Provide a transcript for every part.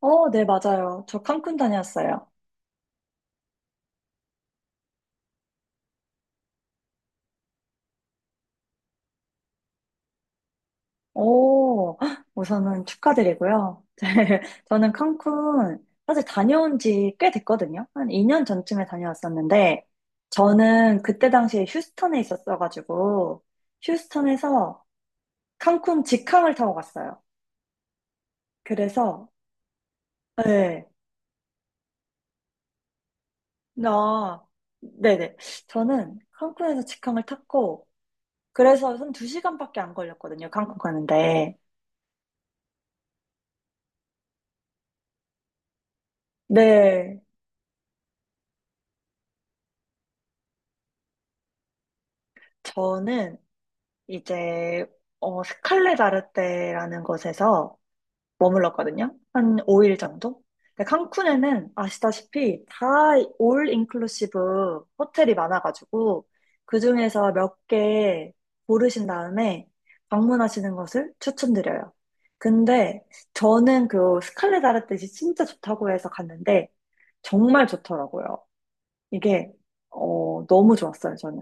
네, 맞아요. 저 칸쿤 다녀왔어요. 오, 우선은 축하드리고요. 저는 칸쿤 사실 다녀온 지 꽤 됐거든요. 한 2년 전쯤에 다녀왔었는데, 저는 그때 당시에 휴스턴에 있었어가지고, 휴스턴에서 칸쿤 직항을 타고 갔어요. 그래서, 네, 나, 네네. 저는 칸쿤에서 직항을 탔고, 그래서 한 2시간밖에 안 걸렸거든요. 칸쿤 가는데. 네, 저는 이제 스칼레 다르테라는 곳에서 머물렀거든요. 한 5일 정도? 근데 칸쿤에는 아시다시피 다 올 인클루시브 호텔이 많아가지고 그중에서 몇 개 고르신 다음에 방문하시는 것을 추천드려요. 근데 저는 그 스칼레 다르테 진짜 좋다고 해서 갔는데 정말 좋더라고요. 이게 너무 좋았어요, 저는.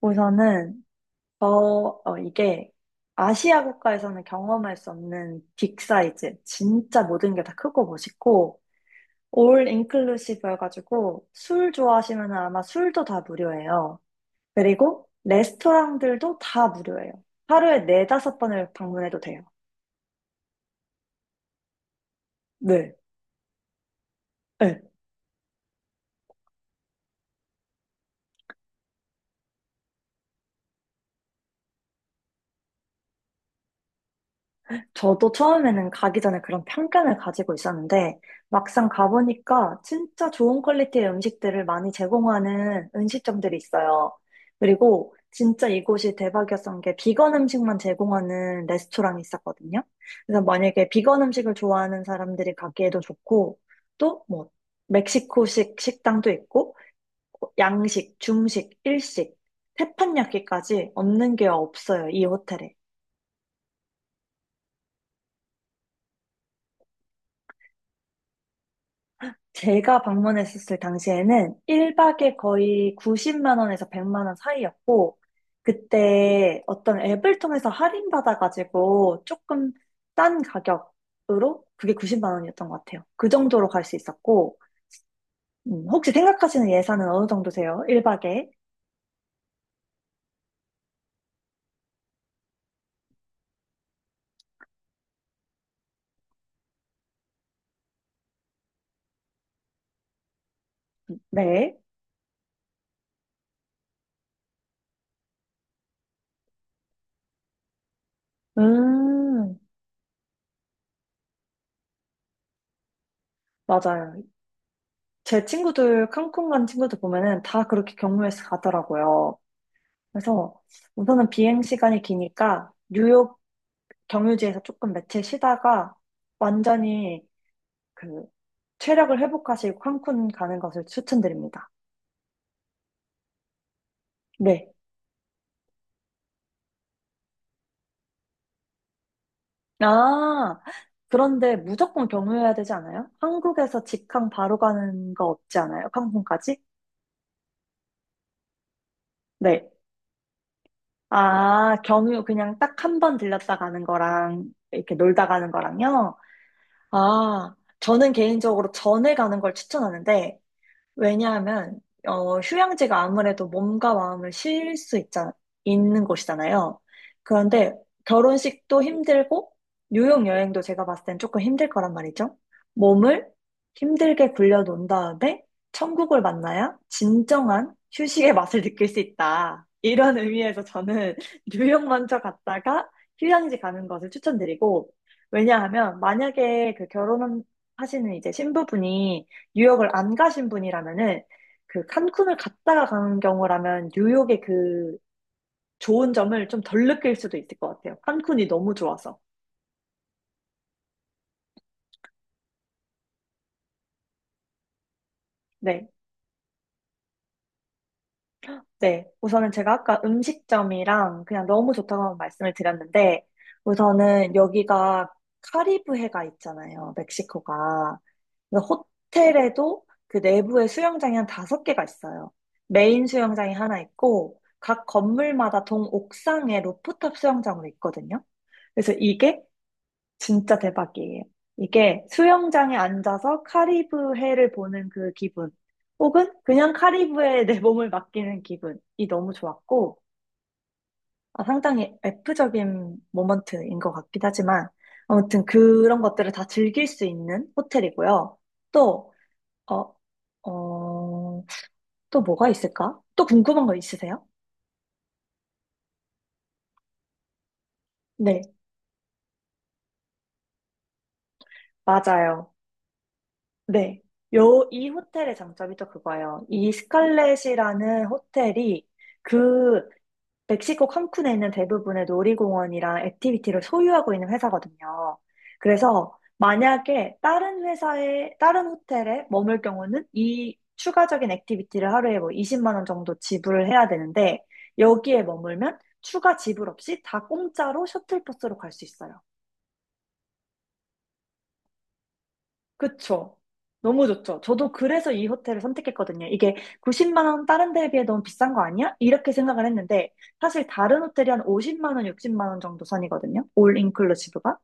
우선은 어, 이게 아시아 국가에서는 경험할 수 없는 빅 사이즈. 진짜 모든 게 다 크고 멋있고, 올 인클루시브 해가지고, 술 좋아하시면 아마 술도 다 무료예요. 그리고 레스토랑들도 다 무료예요. 하루에 네다섯 번을 방문해도 돼요. 네. 네. 저도 처음에는 가기 전에 그런 편견을 가지고 있었는데, 막상 가보니까 진짜 좋은 퀄리티의 음식들을 많이 제공하는 음식점들이 있어요. 그리고 진짜 이곳이 대박이었던 게 비건 음식만 제공하는 레스토랑이 있었거든요. 그래서 만약에 비건 음식을 좋아하는 사람들이 가기에도 좋고, 또 뭐, 멕시코식 식당도 있고, 양식, 중식, 일식, 태판야끼까지 없는 게 없어요, 이 호텔에. 제가 방문했었을 당시에는 1박에 거의 90만 원에서 100만 원 사이였고, 그때 어떤 앱을 통해서 할인받아가지고 조금 싼 가격으로 그게 90만 원이었던 것 같아요. 그 정도로 갈 수 있었고, 혹시 생각하시는 예산은 어느 정도세요? 1박에? 네. 음, 맞아요. 제 친구들, 칸쿤 간 친구들 보면은 다 그렇게 경로에서 가더라고요. 그래서 우선은 비행 시간이 기니까 뉴욕 경유지에서 조금 며칠 쉬다가 완전히 그 체력을 회복하시고 칸쿤 가는 것을 추천드립니다. 네. 아, 그런데 무조건 경유해야 되지 않아요? 한국에서 직항 바로 가는 거 없지 않아요? 칸쿤까지? 네. 아, 경유 그냥 딱 한 번 들렸다 가는 거랑 이렇게 놀다 가는 거랑요? 아, 저는 개인적으로 전에 가는 걸 추천하는데 왜냐하면 휴양지가 아무래도 몸과 마음을 쉴 수 있는 곳이잖아요. 그런데 결혼식도 힘들고 뉴욕 여행도 제가 봤을 땐 조금 힘들 거란 말이죠. 몸을 힘들게 굴려놓은 다음에 천국을 만나야 진정한 휴식의 맛을 느낄 수 있다. 이런 의미에서 저는 뉴욕 먼저 갔다가 휴양지 가는 것을 추천드리고 왜냐하면 만약에 그 결혼하시는 이제 신부분이 뉴욕을 안 가신 분이라면은 그 칸쿤을 갔다가 가는 경우라면 뉴욕의 그 좋은 점을 좀 덜 느낄 수도 있을 것 같아요. 칸쿤이 너무 좋아서. 네. 네. 우선은 제가 아까 음식점이랑 그냥 너무 좋다고 말씀을 드렸는데 우선은 여기가 카리브해가 있잖아요. 멕시코가. 그래서 호텔에도 그 내부에 수영장이 한 다섯 개가 있어요. 메인 수영장이 하나 있고 각 건물마다 동옥상에 루프탑 수영장으로 있거든요. 그래서 이게 진짜 대박이에요. 이게 수영장에 앉아서 카리브해를 보는 그 기분, 혹은 그냥 카리브해에 내 몸을 맡기는 기분이 너무 좋았고, 아, 상당히 F적인 모먼트인 것 같긴 하지만, 아무튼 그런 것들을 다 즐길 수 있는 호텔이고요. 또, 어, 어, 또 뭐가 있을까? 또 궁금한 거 있으세요? 네, 맞아요. 네. 이 호텔의 장점이 또 그거예요. 이 스칼렛이라는 호텔이 그 멕시코 칸쿤에 있는 대부분의 놀이공원이랑 액티비티를 소유하고 있는 회사거든요. 그래서 만약에 다른 호텔에 머물 경우는 이 추가적인 액티비티를 하루에 뭐 20만 원 정도 지불을 해야 되는데 여기에 머물면 추가 지불 없이 다 공짜로 셔틀버스로 갈 수 있어요. 그쵸. 너무 좋죠. 저도 그래서 이 호텔을 선택했거든요. 이게 90만 원 다른 데에 비해 너무 비싼 거 아니야? 이렇게 생각을 했는데 사실 다른 호텔이 한 50만 원, 60만 원 정도 선이거든요. 올 인클루시브가.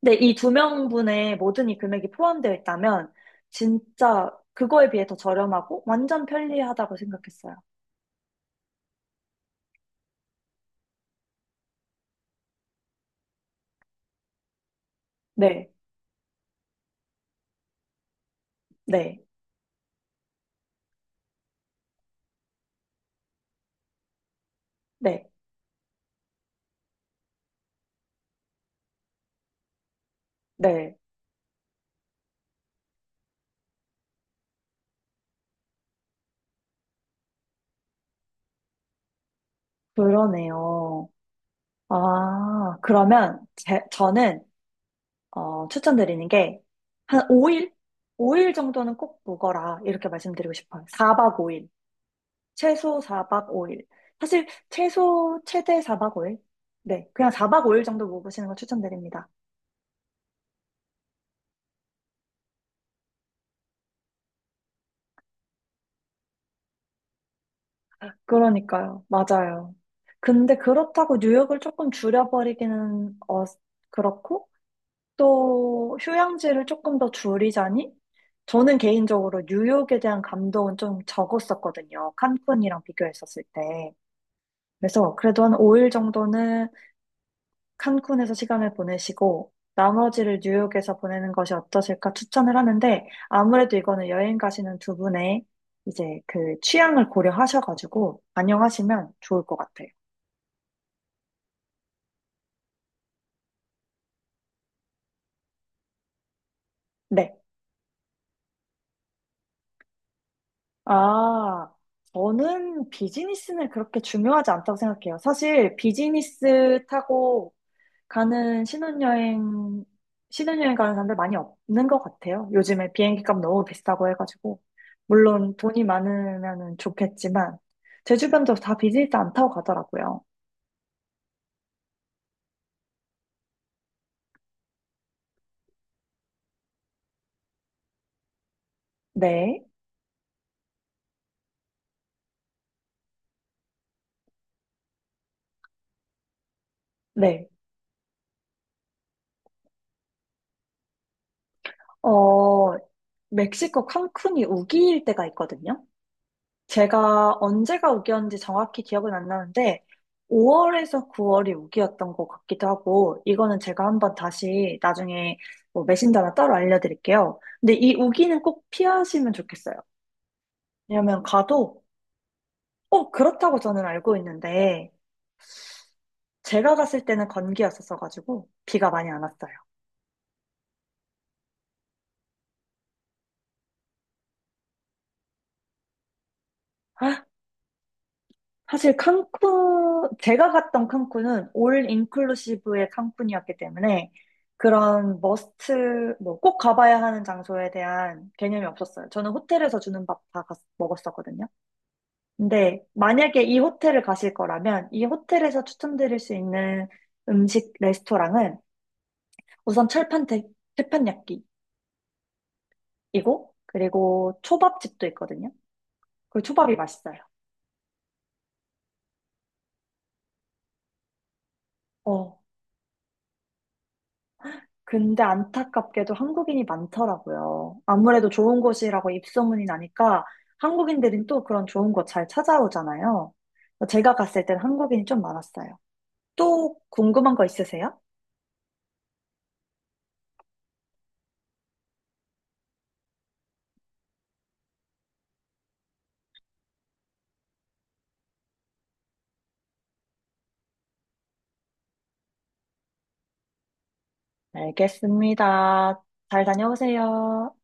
근데 이 두 명분의 모든 이 금액이 포함되어 있다면 진짜 그거에 비해 더 저렴하고 완전 편리하다고 생각했어요. 네, 네, 네, 네. 그러네요. 아, 그러면 저는 추천드리는 게, 한 5일? 5일 정도는 꼭 묵어라. 이렇게 말씀드리고 싶어요. 4박 5일. 최소 4박 5일. 사실, 최소, 최대 4박 5일? 네. 그냥 4박 5일 정도 묵으시는 거 추천드립니다. 그러니까요. 맞아요. 근데 그렇다고 뉴욕을 조금 줄여버리기는, 그렇고, 또, 휴양지를 조금 더 줄이자니? 저는 개인적으로 뉴욕에 대한 감동은 좀 적었었거든요. 칸쿤이랑 비교했었을 때. 그래서 그래도 한 5일 정도는 칸쿤에서 시간을 보내시고 나머지를 뉴욕에서 보내는 것이 어떠실까 추천을 하는데 아무래도 이거는 여행 가시는 두 분의 이제 그 취향을 고려하셔가지고 반영하시면 좋을 것 같아요. 네. 아, 저는 비즈니스는 그렇게 중요하지 않다고 생각해요. 사실 비즈니스 타고 가는 신혼여행 가는 사람들 많이 없는 것 같아요. 요즘에 비행기 값 너무 비싸고 해가지고. 물론 돈이 많으면 좋겠지만, 제 주변도 다 비즈니스 안 타고 가더라고요. 네, 네. 어, 멕시코 칸쿤이 우기일 때가 있거든요. 제가 언제가 우기였는지 정확히 기억은 안 나는데, 5월에서 9월이 우기였던 것 같기도 하고, 이거는 제가 한번 다시 나중에 뭐 메신저나 따로 알려드릴게요. 근데 이 우기는 꼭 피하시면 좋겠어요. 왜냐면 가도, 그렇다고 저는 알고 있는데, 제가 갔을 때는 건기였었어가지고, 비가 많이 안 왔어요. 사실 칸쿤, 제가 갔던 칸쿤은 올 인클루시브의 칸쿤이었기 때문에 그런 머스트, 뭐 꼭 가봐야 하는 장소에 대한 개념이 없었어요. 저는 호텔에서 주는 밥 다 먹었었거든요. 근데 만약에 이 호텔을 가실 거라면 이 호텔에서 추천드릴 수 있는 음식 레스토랑은 우선 철판 판야끼이고 그리고 초밥집도 있거든요. 그 초밥이 맛있어요. 어, 근데 안타깝게도 한국인이 많더라고요. 아무래도 좋은 곳이라고 입소문이 나니까 한국인들은 또 그런 좋은 곳 잘 찾아오잖아요. 제가 갔을 땐 한국인이 좀 많았어요. 또 궁금한 거 있으세요? 알겠습니다. 잘 다녀오세요.